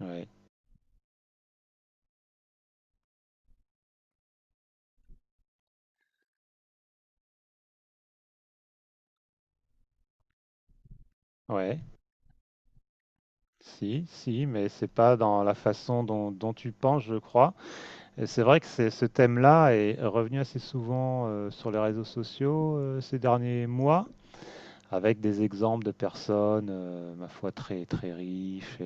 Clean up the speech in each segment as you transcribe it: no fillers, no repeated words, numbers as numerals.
Ouais, ouais, si, si, mais c'est pas dans la façon dont tu penses, je crois. Et c'est vrai que ce thème-là est revenu assez souvent sur les réseaux sociaux ces derniers mois, avec des exemples de personnes, ma foi, très très riches et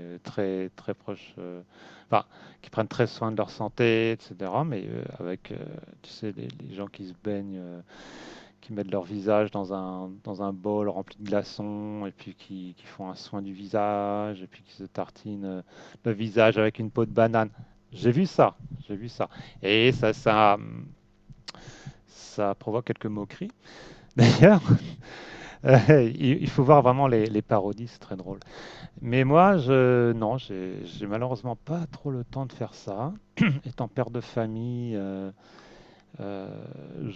très très proches, enfin, qui prennent très soin de leur santé, etc. Mais avec, tu sais, les gens qui se baignent, qui mettent leur visage dans un bol rempli de glaçons, et puis qui font un soin du visage, et puis qui se tartinent le visage avec une peau de banane. J'ai vu ça, j'ai vu ça. Et ça, ça, ça provoque quelques moqueries. D'ailleurs, il faut voir vraiment les parodies, c'est très drôle. Mais moi, non, j'ai malheureusement pas trop le temps de faire ça. Étant père de famille, Euh,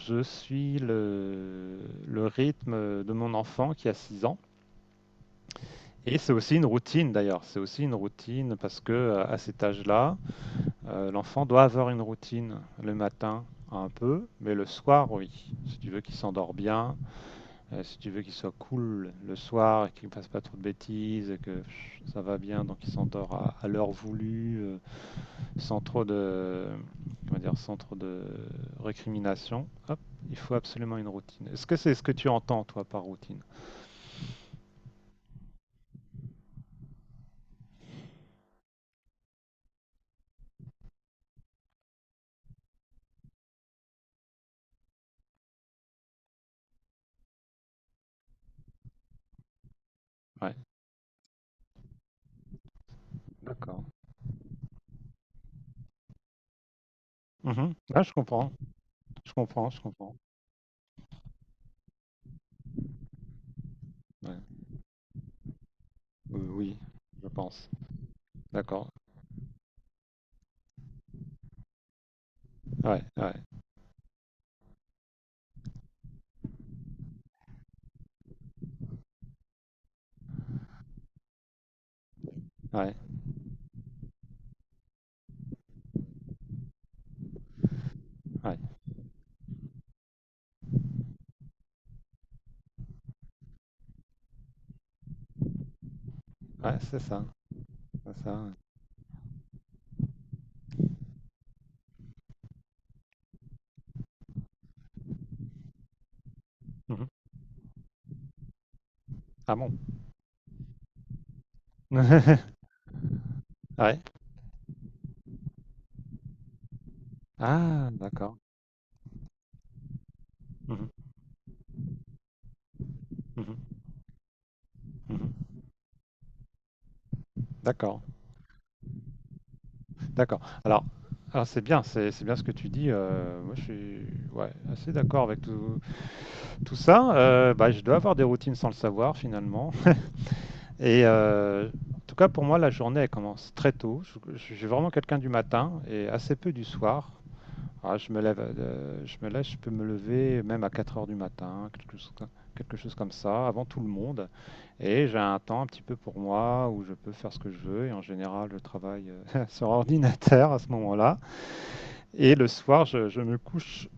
je suis le rythme de mon enfant qui a 6 ans. Et c'est aussi une routine d'ailleurs, c'est aussi une routine parce que à cet âge-là, l'enfant doit avoir une routine le matin un peu, mais le soir oui. Si tu veux qu'il s'endort bien, si tu veux qu'il soit cool le soir et qu'il ne fasse pas trop de bêtises et que pff, ça va bien, donc il s'endort à l'heure voulue, sans trop de, comment dire, sans trop de récrimination. Hop, il faut absolument une routine. Est-ce que c'est ce que tu entends, toi, par routine? Ouais, d'accord. Mhm. Ah, je comprends, je comprends, je comprends. Ouais. Oui, je pense. D'accord. Ouais, ouais, ouais, ouais. Ouais, c'est ça, c'est ça. Ouais. Mhm. Ah bon? Ouais. Ah, d'accord. Mhm, mhm, mhm. D'accord, d'accord. Alors, c'est bien, c'est bien ce que tu dis. Moi, je suis ouais, assez d'accord avec tout ça, bah, je dois avoir des routines sans le savoir finalement. Et en tout cas, pour moi, la journée, elle commence très tôt. Je suis vraiment quelqu'un du matin et assez peu du soir. Ah, je peux me lever même à 4 heures du matin, quelque chose comme ça, avant tout le monde. Et j'ai un temps un petit peu pour moi où je peux faire ce que je veux. Et en général, je travaille sur ordinateur à ce moment-là. Et le soir, je me couche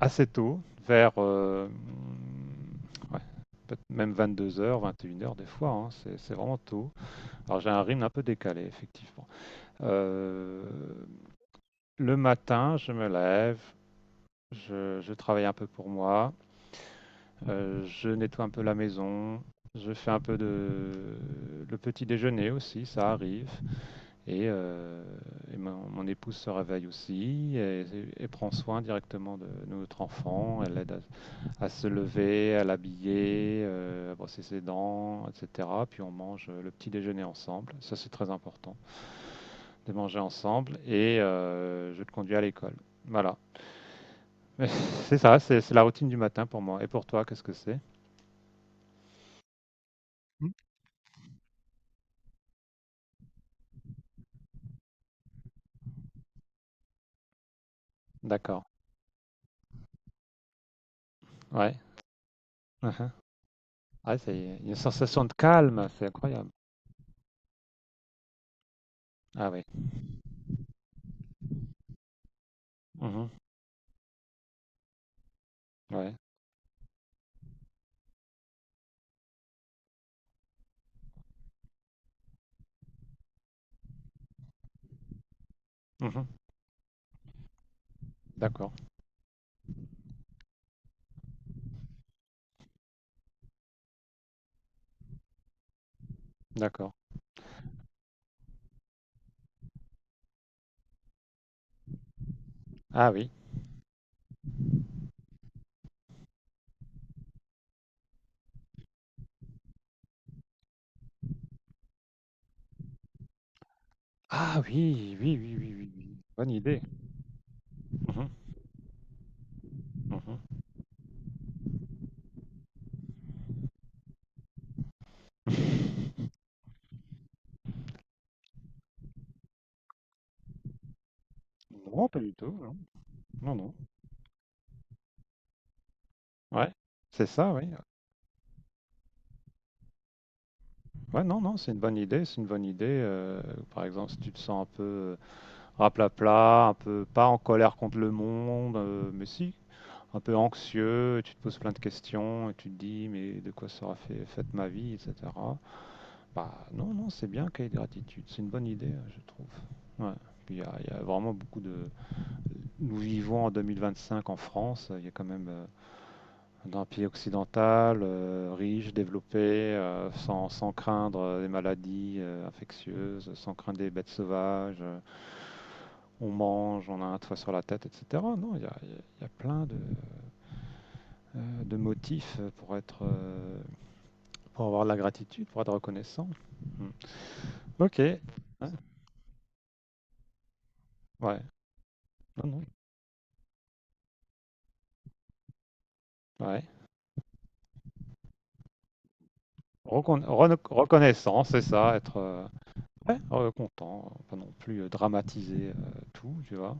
assez tôt, vers ouais, peut-être même 22h, 21 heures des fois, hein, c'est vraiment tôt. Alors j'ai un rythme un peu décalé, effectivement. Euh, le matin, je me lève, je travaille un peu pour moi, je nettoie un peu la maison, je fais un peu de le petit déjeuner aussi, ça arrive. Et, euh, et mon épouse se réveille aussi et prend soin directement de notre enfant. Elle l'aide à se lever, à l'habiller, à brosser ses dents, etc. Puis on mange le petit déjeuner ensemble. Ça, c'est très important, de manger ensemble. Et je te conduis à l'école. Voilà. C'est ça, c'est la routine du matin pour moi. Et pour toi, qu'est-ce que c'est? Hmm. D'accord. Ouais. Mhm. Ah, c'est une sensation de calme, c'est incroyable. Ah oui. Mhm. Ouais. Mhm. D'accord. D'accord. Ah oui. Ah oui, oui, oui, oui, oui, oui. Bonne idée. Mhm. Mhm. Non, pas du tout. Non, non. Ouais, c'est ça, oui. Ouais, non, non, c'est une bonne idée. C'est une bonne idée. Par exemple, si tu te sens un peu raplapla, un peu pas en colère contre le monde, mais si, un peu anxieux, et tu te poses plein de questions et tu te dis, mais de quoi sera fait, faite ma vie, etc. Bah, non, non, c'est bien qu'il y ait gratitude. C'est une bonne idée, je trouve. Ouais. Puis il y a vraiment beaucoup de. Nous vivons en 2025 en France. Il y a quand même, d'un pays occidental, riche, développé, sans craindre des maladies infectieuses, sans craindre des bêtes sauvages, on mange, on a un toit sur la tête, etc. Non, il y a plein de motifs pour être, pour avoir de la gratitude, pour être reconnaissant. Hmm. Ok. Ouais. Ouais. Non, non. Ouais. Reconnaissant, c'est ça, être ouais, content, pas non plus dramatiser tout, tu vois.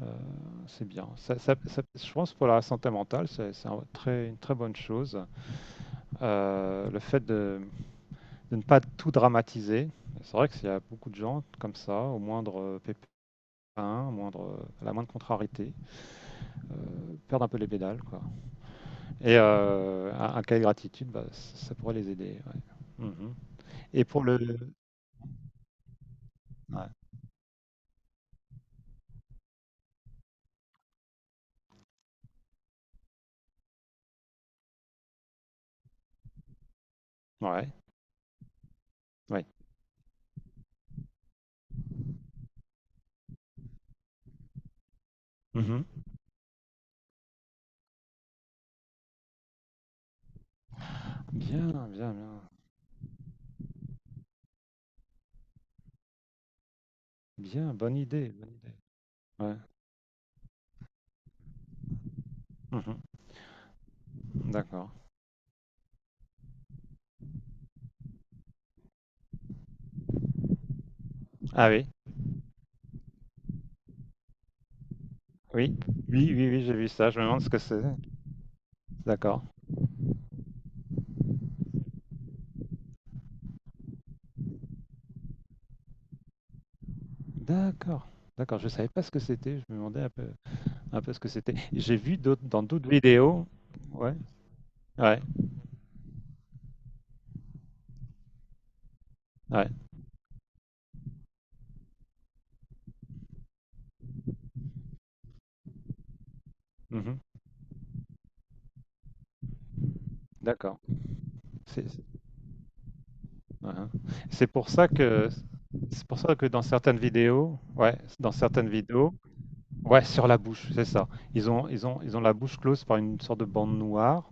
Euh, c'est bien. Je pense pour la santé mentale, c'est un une très bonne chose. Le fait de ne pas tout dramatiser, c'est vrai qu'il y a beaucoup de gens comme ça, au moindre pépin, à la moindre contrariété, perdent un peu les pédales, quoi. Et un cahier de gratitude, bah, ça pourrait les aider. Ouais. Mhm. Et pour le... Ouais. Ouais. Ouais. Mhm. Bien, bien, bien. Bien, bonne idée, bonne idée. Ouais. Mhm. D'accord. Ah oui. Oui, oui, oui, oui, j'ai vu ça. Je me demande ce que c'est. D'accord. D'accord. D'accord. Je savais pas ce que c'était. Je me demandais un peu ce que c'était. J'ai vu d'autres dans d'autres vidéos. Ouais. Ouais. Ouais. Mhm. D'accord. C'est c'est- ouais, hein. C'est pour ça que dans certaines vidéos, ouais, dans certaines vidéos, ouais, sur la bouche, c'est ça. Ils ont la bouche close par une sorte de bande noire.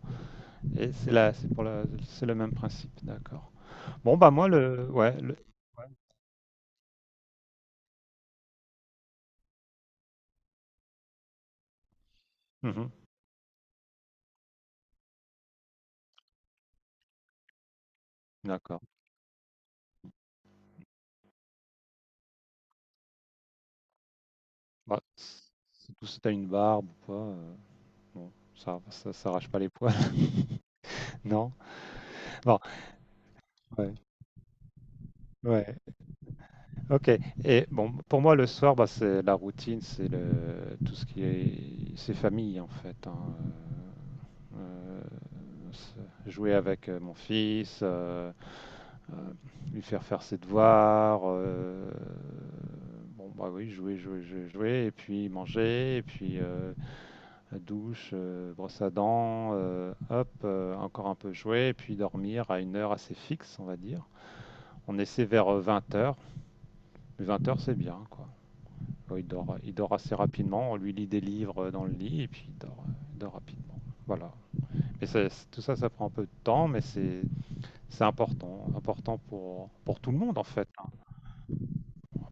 Et c'est là, c'est le même principe. D'accord. Bon bah moi le, ouais, le. Mhm. D'accord. Bah, tout si tu une barbe ou quoi, bon, ça s'arrache pas les poils, non? Bon, ouais, ouais, OK et bon, pour moi, le soir, bah, c'est la routine, c'est le tout ce qui est c'est famille, en fait, hein, heu c'est jouer avec, mon fils, heu, lui faire faire ses devoirs, bon, bah, oui, jouer, jouer, jouer, jouer et puis manger et puis, la douche, brosse à dents, hop, encore un peu jouer, et puis dormir à une heure assez fixe, on va dire. On essaie vers 20 heures, mais 20 heures c'est bien, quoi. Bon, il dort, il dort assez rapidement, on lui lit des livres dans le lit, et puis il dort rapidement. Voilà. Mais tout ça, ça prend un peu de temps, mais c'est important, important pour tout le monde en fait, hein.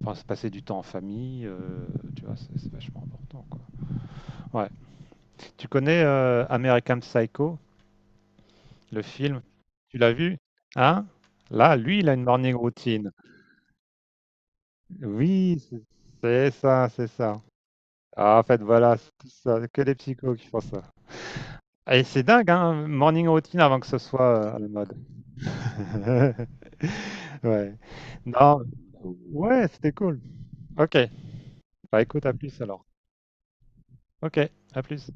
Enfin, se passer du temps en famille, tu vois, c'est vachement important, quoi. Ouais. Tu connais American Psycho? Le film, tu l'as vu? Hein? Là, lui, il a une morning routine. Oui, c'est ça, c'est ça. Ah, en fait, voilà, c'est tout ça, que les psychos qui font ça. Et c'est dingue, hein, morning routine avant que ce soit à la mode. Ouais. Non, ouais, c'était cool. Ok, bah écoute, à plus alors. Ok, à plus.